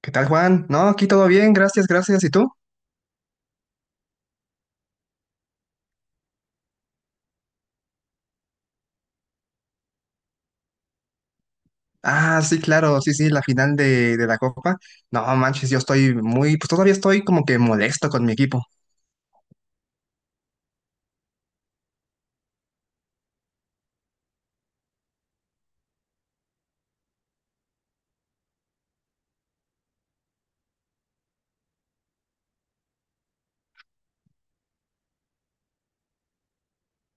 ¿Qué tal, Juan? No, aquí todo bien, gracias, gracias. ¿Y tú? Ah, sí, claro, sí, sí, la final de la Copa. No, manches, yo estoy muy, pues todavía estoy como que molesto con mi equipo.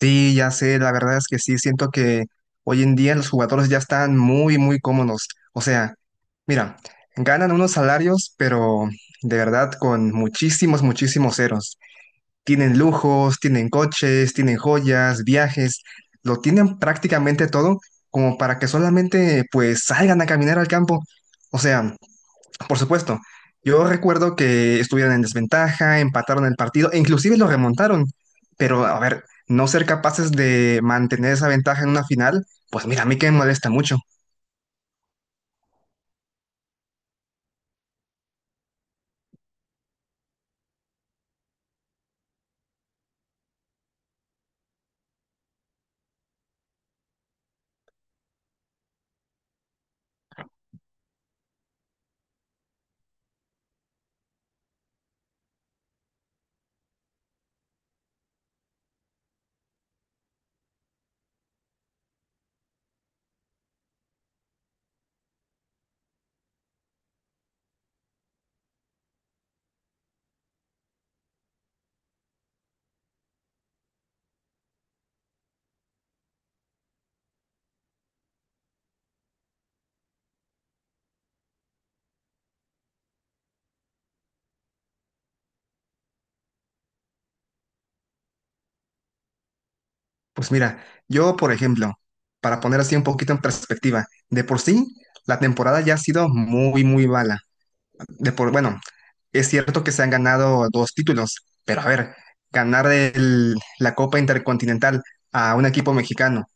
Sí, ya sé, la verdad es que sí, siento que hoy en día los jugadores ya están muy, muy cómodos. O sea, mira, ganan unos salarios, pero de verdad con muchísimos, muchísimos ceros. Tienen lujos, tienen coches, tienen joyas, viajes, lo tienen prácticamente todo como para que solamente pues salgan a caminar al campo. O sea, por supuesto, yo recuerdo que estuvieron en desventaja, empataron el partido e inclusive lo remontaron, pero a ver, no ser capaces de mantener esa ventaja en una final, pues mira, a mí que me molesta mucho. Pues mira, yo por ejemplo, para poner así un poquito en perspectiva, de por sí la temporada ya ha sido muy, muy mala. De por, bueno, es cierto que se han ganado dos títulos, pero a ver, ganar la Copa Intercontinental a un equipo mexicano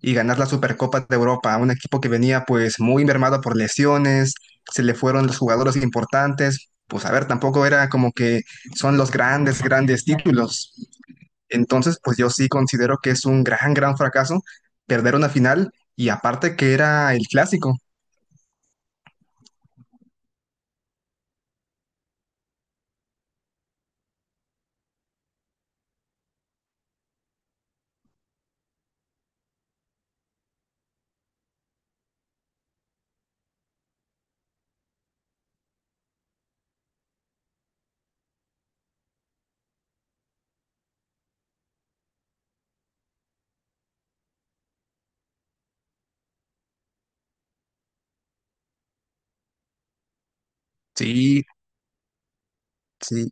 y ganar la Supercopa de Europa a un equipo que venía pues muy mermado por lesiones, se le fueron los jugadores importantes, pues a ver, tampoco era como que son los grandes, grandes títulos. Entonces, pues yo sí considero que es un gran, gran fracaso perder una final y aparte que era el clásico. Sí, sí.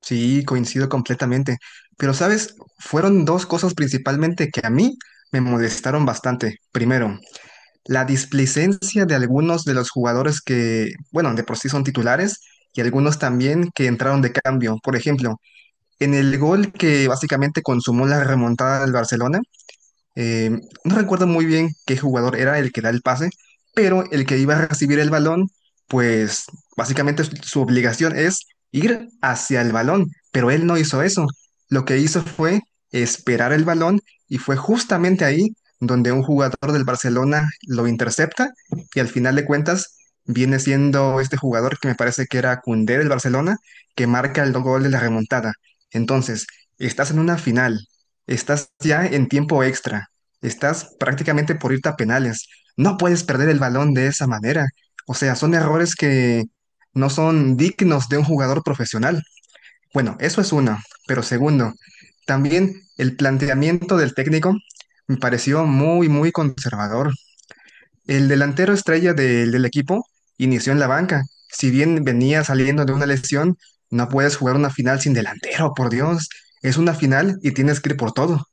Sí, coincido completamente. Pero, ¿sabes? Fueron dos cosas principalmente que a mí me molestaron bastante. Primero, la displicencia de algunos de los jugadores que, bueno, de por sí son titulares y algunos también que entraron de cambio. Por ejemplo, en el gol que básicamente consumó la remontada del Barcelona, eh, no recuerdo muy bien qué jugador era el que da el pase, pero el que iba a recibir el balón, pues básicamente su obligación es ir hacia el balón, pero él no hizo eso. Lo que hizo fue esperar el balón y fue justamente ahí donde un jugador del Barcelona lo intercepta y al final de cuentas viene siendo este jugador que me parece que era Koundé del Barcelona, que marca el gol de la remontada. Entonces, estás en una final, estás ya en tiempo extra. Estás prácticamente por irte a penales. No puedes perder el balón de esa manera. O sea, son errores que no son dignos de un jugador profesional. Bueno, eso es uno. Pero segundo, también el planteamiento del técnico me pareció muy, muy conservador. El delantero estrella del equipo inició en la banca. Si bien venía saliendo de una lesión, no puedes jugar una final sin delantero, por Dios. Es una final y tienes que ir por todo.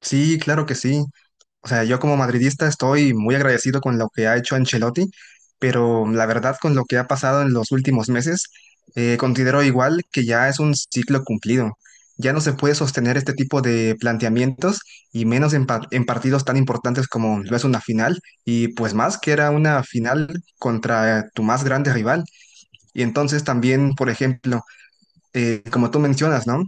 Sí, claro que sí. O sea, yo como madridista estoy muy agradecido con lo que ha hecho Ancelotti, pero la verdad con lo que ha pasado en los últimos meses, considero igual que ya es un ciclo cumplido. Ya no se puede sostener este tipo de planteamientos y menos en, en partidos tan importantes como lo es una final y pues más que era una final contra tu más grande rival. Y entonces también, por ejemplo, como tú mencionas, ¿no?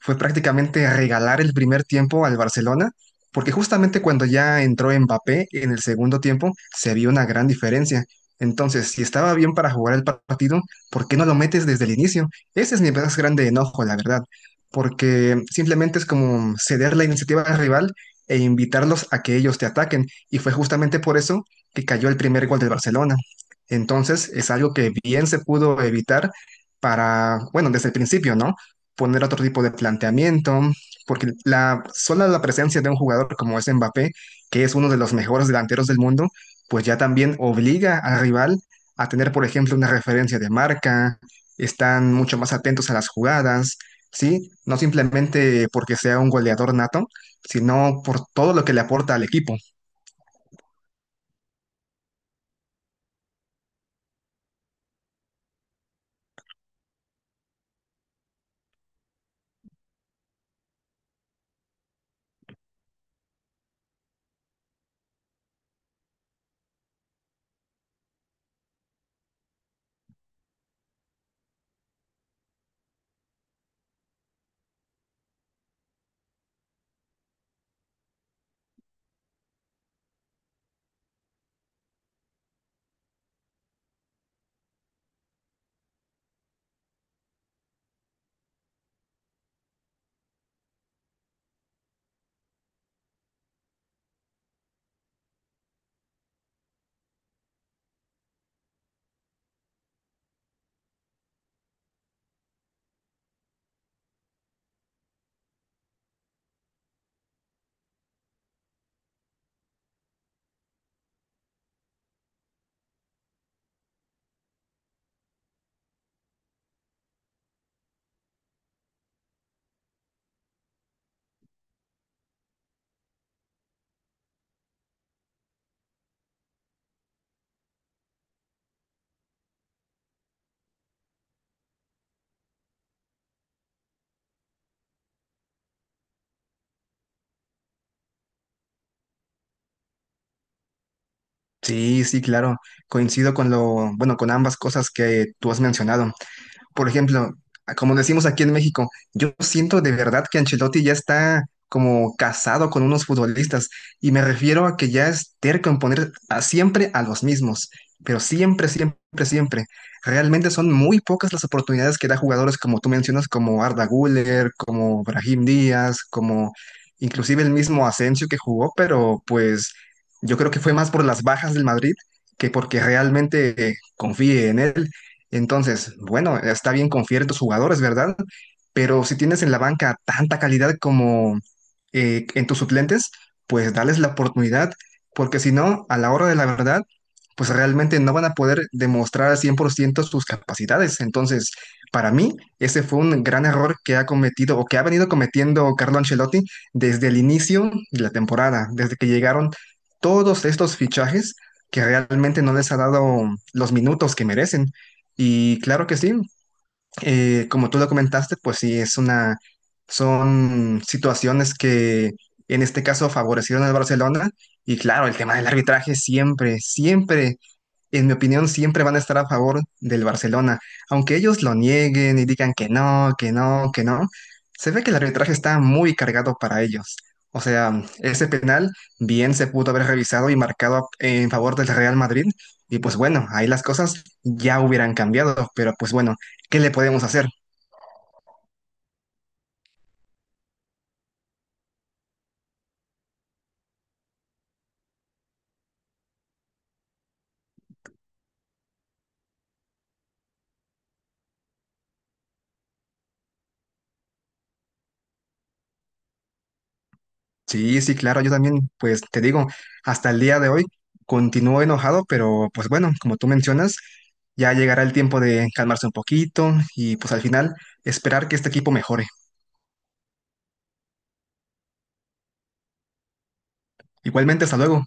Fue prácticamente regalar el primer tiempo al Barcelona, porque justamente cuando ya entró Mbappé en el segundo tiempo se vio una gran diferencia. Entonces, si estaba bien para jugar el partido, ¿por qué no lo metes desde el inicio? Ese es mi más grande enojo, la verdad, porque simplemente es como ceder la iniciativa al rival e invitarlos a que ellos te ataquen, y fue justamente por eso que cayó el primer gol del Barcelona. Entonces, es algo que bien se pudo evitar para, bueno, desde el principio, ¿no? Poner otro tipo de planteamiento, porque la sola la presencia de un jugador como es Mbappé, que es uno de los mejores delanteros del mundo, pues ya también obliga al rival a tener, por ejemplo, una referencia de marca, están mucho más atentos a las jugadas, ¿sí? No simplemente porque sea un goleador nato, sino por todo lo que le aporta al equipo. Sí, sí, claro, coincido con lo, bueno, con ambas cosas que tú has mencionado. Por ejemplo, como decimos aquí en México, yo siento de verdad que Ancelotti ya está como casado con unos futbolistas y me refiero a que ya es terco en poner siempre a los mismos, pero siempre, siempre, siempre. Realmente son muy pocas las oportunidades que da jugadores como tú mencionas, como Arda Güler, como Brahim Díaz, como inclusive el mismo Asensio que jugó, pero pues yo creo que fue más por las bajas del Madrid que porque realmente confíe en él. Entonces, bueno, está bien confiar en tus jugadores, ¿verdad? Pero si tienes en la banca tanta calidad como en tus suplentes, pues dales la oportunidad, porque si no, a la hora de la verdad, pues realmente no van a poder demostrar al 100% sus capacidades. Entonces, para mí, ese fue un gran error que ha cometido o que ha venido cometiendo Carlo Ancelotti desde el inicio de la temporada, desde que llegaron todos estos fichajes que realmente no les ha dado los minutos que merecen. Y claro que sí, como tú lo comentaste, pues sí, es una, son situaciones que en este caso favorecieron al Barcelona. Y claro, el tema del arbitraje siempre, siempre en mi opinión, siempre van a estar a favor del Barcelona. Aunque ellos lo nieguen y digan que no, que no, que no, se ve que el arbitraje está muy cargado para ellos. O sea, ese penal bien se pudo haber revisado y marcado en favor del Real Madrid. Y pues bueno, ahí las cosas ya hubieran cambiado, pero pues bueno, ¿qué le podemos hacer? Sí, sí, claro, yo también, pues te digo, hasta el día de hoy continúo enojado, pero pues bueno, como tú mencionas, ya llegará el tiempo de calmarse un poquito y pues al final esperar que este equipo mejore. Igualmente, hasta luego.